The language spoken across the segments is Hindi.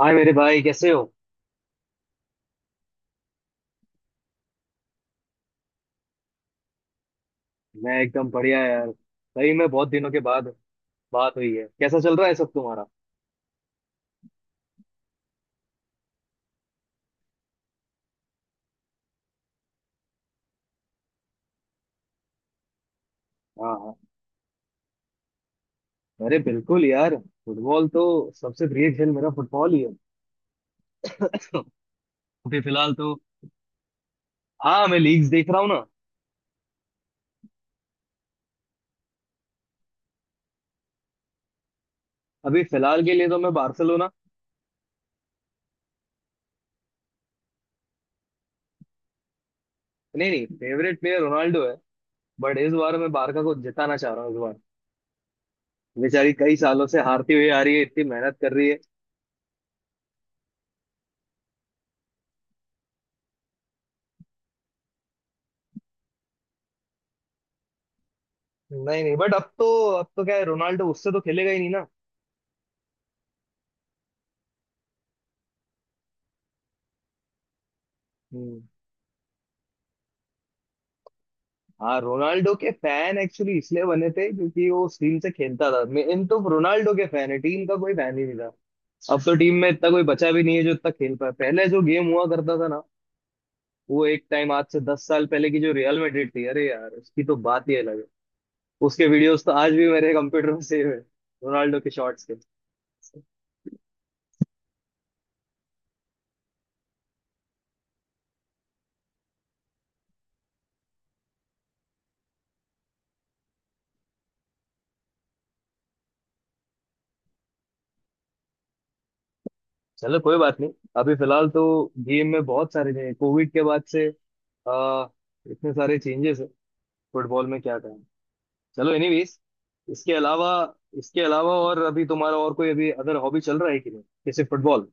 हाय मेरे भाई, कैसे हो। मैं एकदम बढ़िया यार। भाई मैं बहुत दिनों के बाद बात हुई है, कैसा चल रहा है सब तुम्हारा। हाँ हाँ, अरे बिल्कुल यार। फुटबॉल तो सबसे प्रिय खेल मेरा फुटबॉल ही है। अभी फिलहाल तो। हाँ मैं लीग्स देख रहा हूँ ना। अभी फिलहाल के लिए तो मैं बार्सिलोना। नहीं नहीं, फेवरेट प्लेयर रोनाल्डो है। बट इस बार मैं बारका को जिताना चाह रहा हूँ इस बार। बेचारी कई सालों से हारती हुई आ रही है, इतनी मेहनत कर रही है। नहीं नहीं, बट अब तो, अब तो क्या है, रोनाल्डो उससे तो खेलेगा ही नहीं ना। हाँ रोनाल्डो के फैन एक्चुअली इसलिए बने थे क्योंकि वो उस टीम से खेलता था। मेन तो रोनाल्डो के फैन है, टीम का कोई फैन ही नहीं था। अब तो टीम में इतना कोई बचा भी नहीं है जो इतना खेल पाए। पहले जो गेम हुआ करता था ना, वो एक टाइम, आज से 10 साल पहले की जो रियल मैड्रिड थी, अरे यार उसकी तो बात ही अलग है। उसके वीडियोस तो आज भी मेरे कंप्यूटर में सेव है, रोनाल्डो के शॉट्स के। चलो कोई बात नहीं, अभी फिलहाल तो गेम में बहुत सारे चेंज, कोविड के बाद से आ, इतने सारे चेंजेस है फुटबॉल में, क्या कहें। चलो एनीवेज, इसके अलावा, इसके अलावा और अभी तुम्हारा और कोई अभी अदर हॉबी चल रहा है कि नहीं, जैसे फुटबॉल।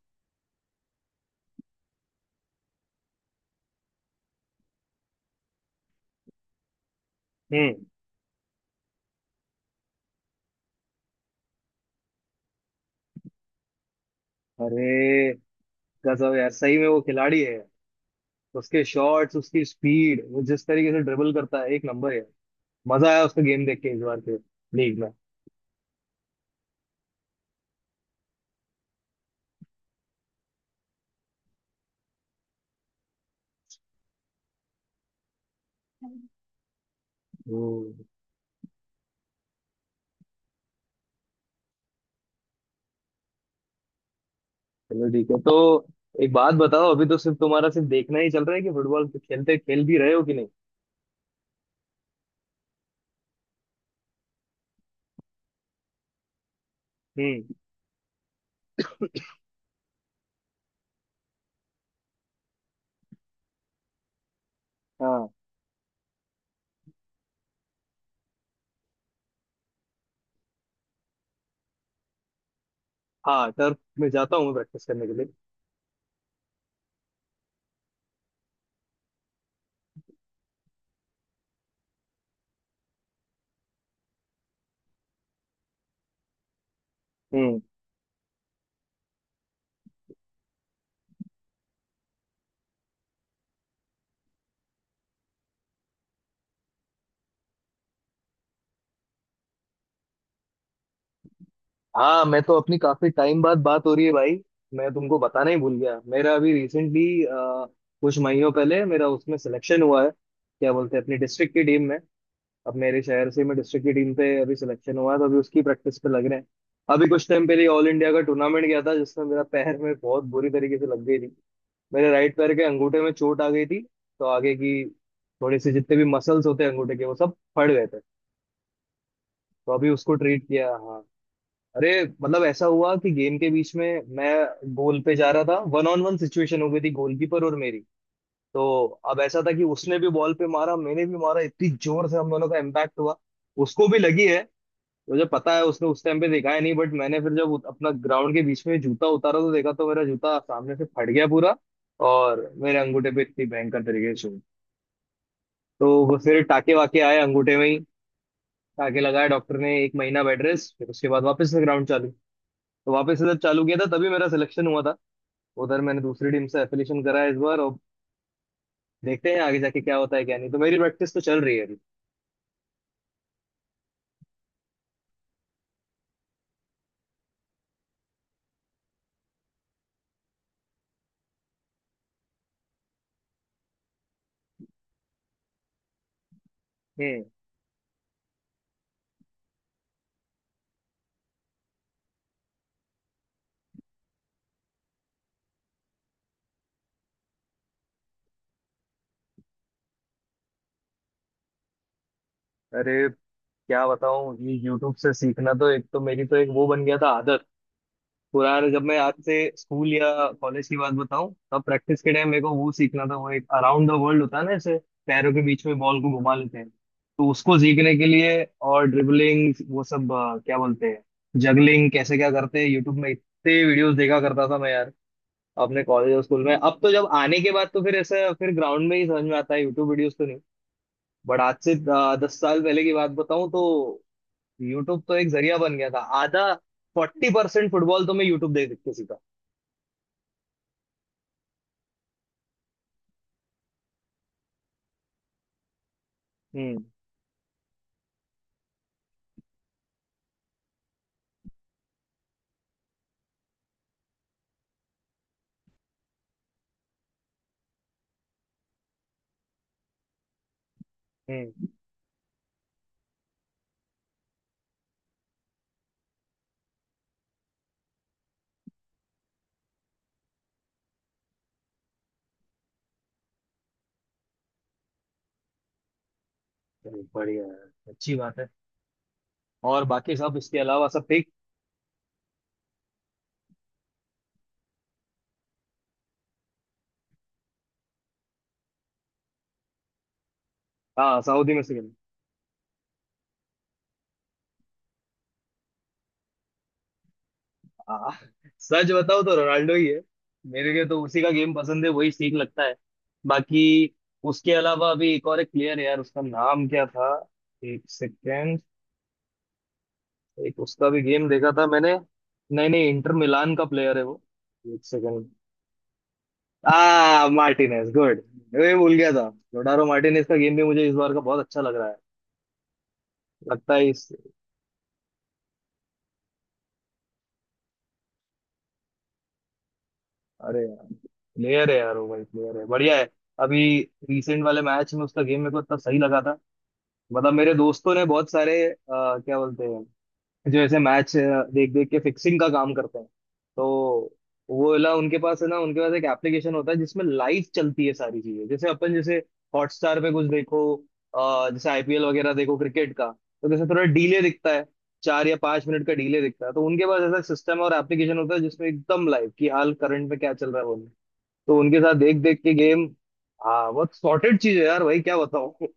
हम्म। अरे गजब यार, सही में वो खिलाड़ी है। उसके शॉट्स, उसकी स्पीड, वो जिस तरीके से ड्रिबल करता है एक नंबर है। मजा आया उसका गेम देख के, इस बार के लीग में। हम्म। चलो ठीक है तो, एक बात बताओ, अभी तो सिर्फ तुम्हारा सिर्फ देखना ही चल रहा है कि फुटबॉल खेलते खेल भी रहे हो कि नहीं। हम्म। हाँ हाँ, टर्फ में जाता हूँ मैं प्रैक्टिस करने के लिए। हम्म। हाँ मैं तो, अपनी काफी टाइम बाद बात हो रही है भाई, मैं तुमको बताना ही भूल गया। मेरा अभी रिसेंटली, कुछ महीनों पहले मेरा उसमें सिलेक्शन हुआ है क्या बोलते हैं, अपनी डिस्ट्रिक्ट की टीम में। अब मेरे शहर से मैं डिस्ट्रिक्ट की टीम पे अभी सिलेक्शन हुआ है, तो अभी उसकी प्रैक्टिस पे लग रहे हैं। अभी कुछ टाइम पहले ऑल इंडिया का टूर्नामेंट गया था जिसमें मेरा पैर में बहुत बुरी तरीके से लग गई थी। मेरे राइट पैर के अंगूठे में चोट आ गई थी। तो आगे की थोड़ी सी, जितने भी मसल्स होते हैं अंगूठे के, वो सब फट गए थे। तो अभी उसको ट्रीट किया। हाँ, अरे मतलब ऐसा हुआ कि गेम के बीच में मैं गोल पे जा रहा था, वन ऑन वन सिचुएशन हो गई थी गोलकीपर और मेरी। तो अब ऐसा था कि उसने भी बॉल पे मारा, मैंने भी मारा, इतनी जोर से हम दोनों का इम्पैक्ट हुआ। उसको भी लगी है, मुझे पता है। उसने उस टाइम पे देखा है नहीं, बट मैंने फिर जब अपना ग्राउंड के बीच में जूता उतारा, तो देखा तो मेरा जूता सामने से फट गया पूरा। और मेरे अंगूठे पे इतनी भयंकर तरीके से चोट। तो वो फिर टाके वाके आए अंगूठे में ही। टाके लगाया डॉक्टर ने, 1 महीना बेड रेस्ट, फिर उसके बाद वापस से ग्राउंड चालू। तो वापस से जब चालू किया था तभी मेरा सिलेक्शन हुआ था। उधर मैंने दूसरी टीम से एफिलिएशन करा है इस बार। और देखते हैं आगे जाके क्या होता है क्या नहीं, तो मेरी प्रैक्टिस तो चल रही है अभी। हम्म। अरे क्या बताऊं, ये यूट्यूब से सीखना तो एक, तो मेरी तो एक वो बन गया था आदत। पुराने जब मैं, आज से स्कूल या कॉलेज की बात बताऊं, तब प्रैक्टिस के टाइम मेरे को वो सीखना था। वो एक अराउंड द वर्ल्ड होता है ना ऐसे, पैरों के बीच में बॉल को घुमा लेते हैं। तो उसको सीखने के लिए, और ड्रिबलिंग वो सब, क्या बोलते हैं, जगलिंग कैसे क्या करते हैं, यूट्यूब में इतने वीडियोस देखा करता था मैं यार, अपने कॉलेज और स्कूल में। अब तो जब आने के बाद तो फिर ऐसे, फिर ग्राउंड में ही समझ में आता है, यूट्यूब वीडियोस तो नहीं। बट आज से 10 साल पहले की बात बताऊं तो, यूट्यूब तो एक जरिया बन गया था। आधा 40% फुटबॉल तो मैं यूट्यूब देख देख के सीखा। हम्म। हम्म। चलो, बढ़िया है, अच्छी बात है। और बाकी सब इसके अलावा सब ठीक। हाँ, सऊदी में सीखना। हाँ, सच बताओ तो रोनाल्डो ही है। मेरे लिए तो उसी का गेम पसंद है, वही ठीक लगता है। बाकी उसके अलावा अभी एक और एक प्लेयर है यार, उसका नाम क्या था, एक सेकेंड, एक उसका भी गेम देखा था मैंने। नहीं नहीं, इंटर मिलान का प्लेयर है वो। एक सेकंड। आ मार्टिनेज, गुड। मैं भूल गया था। लोडारो मार्टिनेज का गेम भी मुझे इस बार का बहुत अच्छा लग रहा है। लगता है इस, अरे यार, प्लेयर है यार वो भाई, प्लेयर है, बढ़िया है। अभी रिसेंट वाले मैच में उसका गेम मेरे को इतना सही लगा था। मतलब मेरे दोस्तों ने बहुत सारे, क्या बोलते हैं, जो ऐसे मैच देख देख के फिक्सिंग का काम करते हैं। तो वो वाला उनके पास है ना, उनके पास एक एप्लीकेशन होता है जिसमें लाइव चलती है सारी चीजें। जैसे अपन जैसे हॉटस्टार पे कुछ देखो, जैसे आईपीएल वगैरह देखो क्रिकेट का, तो जैसे थोड़ा डीले दिखता है। 4 या 5 मिनट का डीले दिखता है। तो उनके पास ऐसा सिस्टम और एप्लीकेशन होता है जिसमें एकदम लाइव कि हाल करंट में क्या चल रहा है वो। तो उनके साथ देख देख के गेम। हाँ, बहुत सॉर्टेड चीज है यार भाई, क्या बताऊं।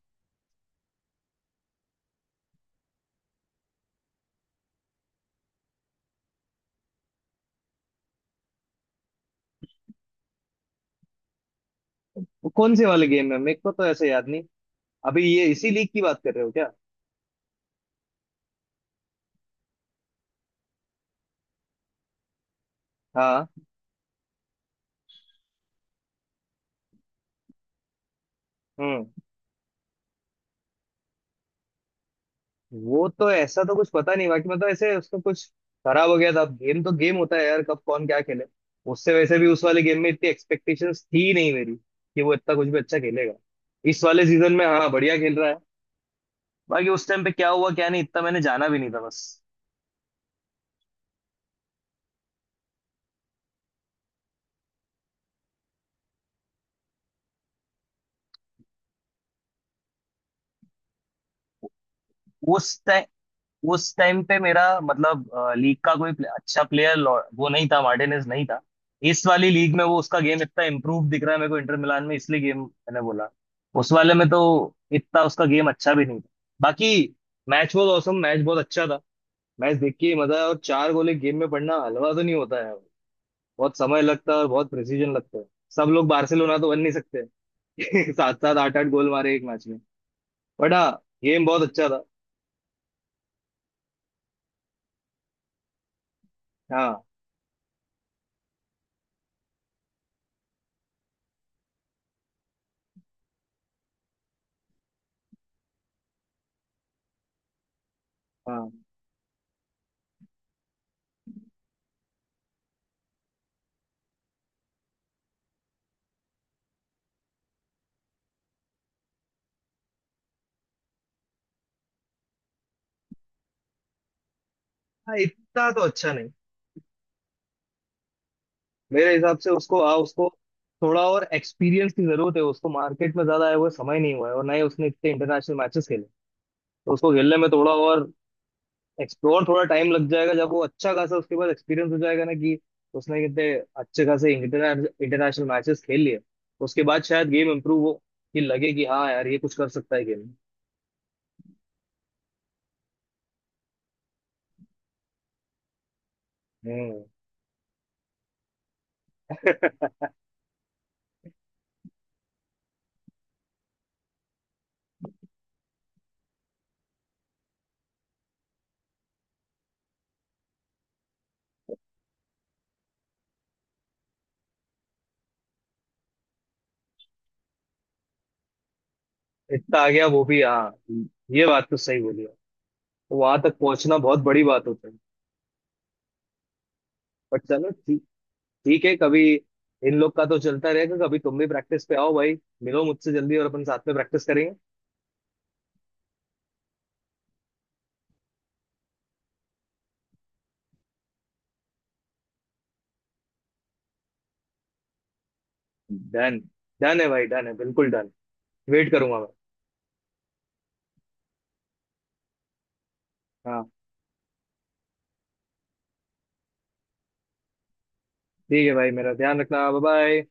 कौन से वाले गेम है, मेरे को तो ऐसे याद नहीं। अभी ये इसी लीग की बात कर रहे हो। हाँ। हम्म। वो तो ऐसा तो कुछ पता नहीं बाकी, मतलब ऐसे उसका कुछ खराब हो गया था। अब गेम तो गेम होता है यार, कब कौन क्या खेले। उससे वैसे भी उस वाले गेम में इतनी एक्सपेक्टेशंस थी नहीं मेरी कि वो इतना कुछ भी अच्छा खेलेगा। इस वाले सीजन में हाँ बढ़िया खेल रहा है। बाकी उस टाइम पे क्या हुआ क्या नहीं, इतना मैंने जाना भी नहीं था बस। उस टाइम उस टाइम पे मेरा मतलब, लीग का कोई अच्छा प्लेयर वो नहीं था, मार्टिनेज नहीं था। इस वाली लीग में वो, उसका गेम इतना इम्प्रूव दिख रहा है मेरे को इंटर मिलान में, इसलिए गेम मैंने बोला। उस वाले में तो इतना उसका गेम अच्छा भी नहीं था। बाकी मैच बहुत औसम, मैच बहुत अच्छा था। मैच देख के ही मजा आया। और 4 गोले गेम में पड़ना हलवा तो नहीं होता है, बहुत समय लगता है और बहुत प्रिसीजन लगता है। सब लोग बार्सिलोना तो बन नहीं सकते। सात सात आठ आठ गोल मारे एक मैच में। बट हाँ, गेम बहुत अच्छा था। हाँ। हाँ, हाँ, इतना तो अच्छा नहीं। मेरे हिसाब से उसको थोड़ा और एक्सपीरियंस की जरूरत है। उसको मार्केट में ज्यादा आए हुए समय नहीं हुआ है, और ना ही उसने इतने इंटरनेशनल मैचेस खेले। तो उसको खेलने में थोड़ा और एक्सप्लोर, थोड़ा टाइम लग जाएगा जब वो अच्छा खासा उसके पास एक्सपीरियंस हो जाएगा, ना कि उसने कितने अच्छे खासे इंटरनेशनल मैचेस खेल लिए, उसके बाद शायद गेम इम्प्रूव हो, कि लगे कि हाँ यार ये कुछ कर सकता है गेम में। हम्म। इतना आ गया वो भी, हाँ ये बात तो सही बोली। वहां तक पहुंचना बहुत बड़ी बात होती है। बट चलो, ठीक ठीक है कभी। इन लोग का तो चलता रहेगा, कभी तुम भी प्रैक्टिस पे आओ भाई, मिलो मुझसे जल्दी और अपन साथ में प्रैक्टिस करेंगे। डन, डन है भाई, डन है, बिल्कुल डन। वेट करूंगा मैं। हाँ। ठीक है भाई, मेरा ध्यान रखना, बाय बाय।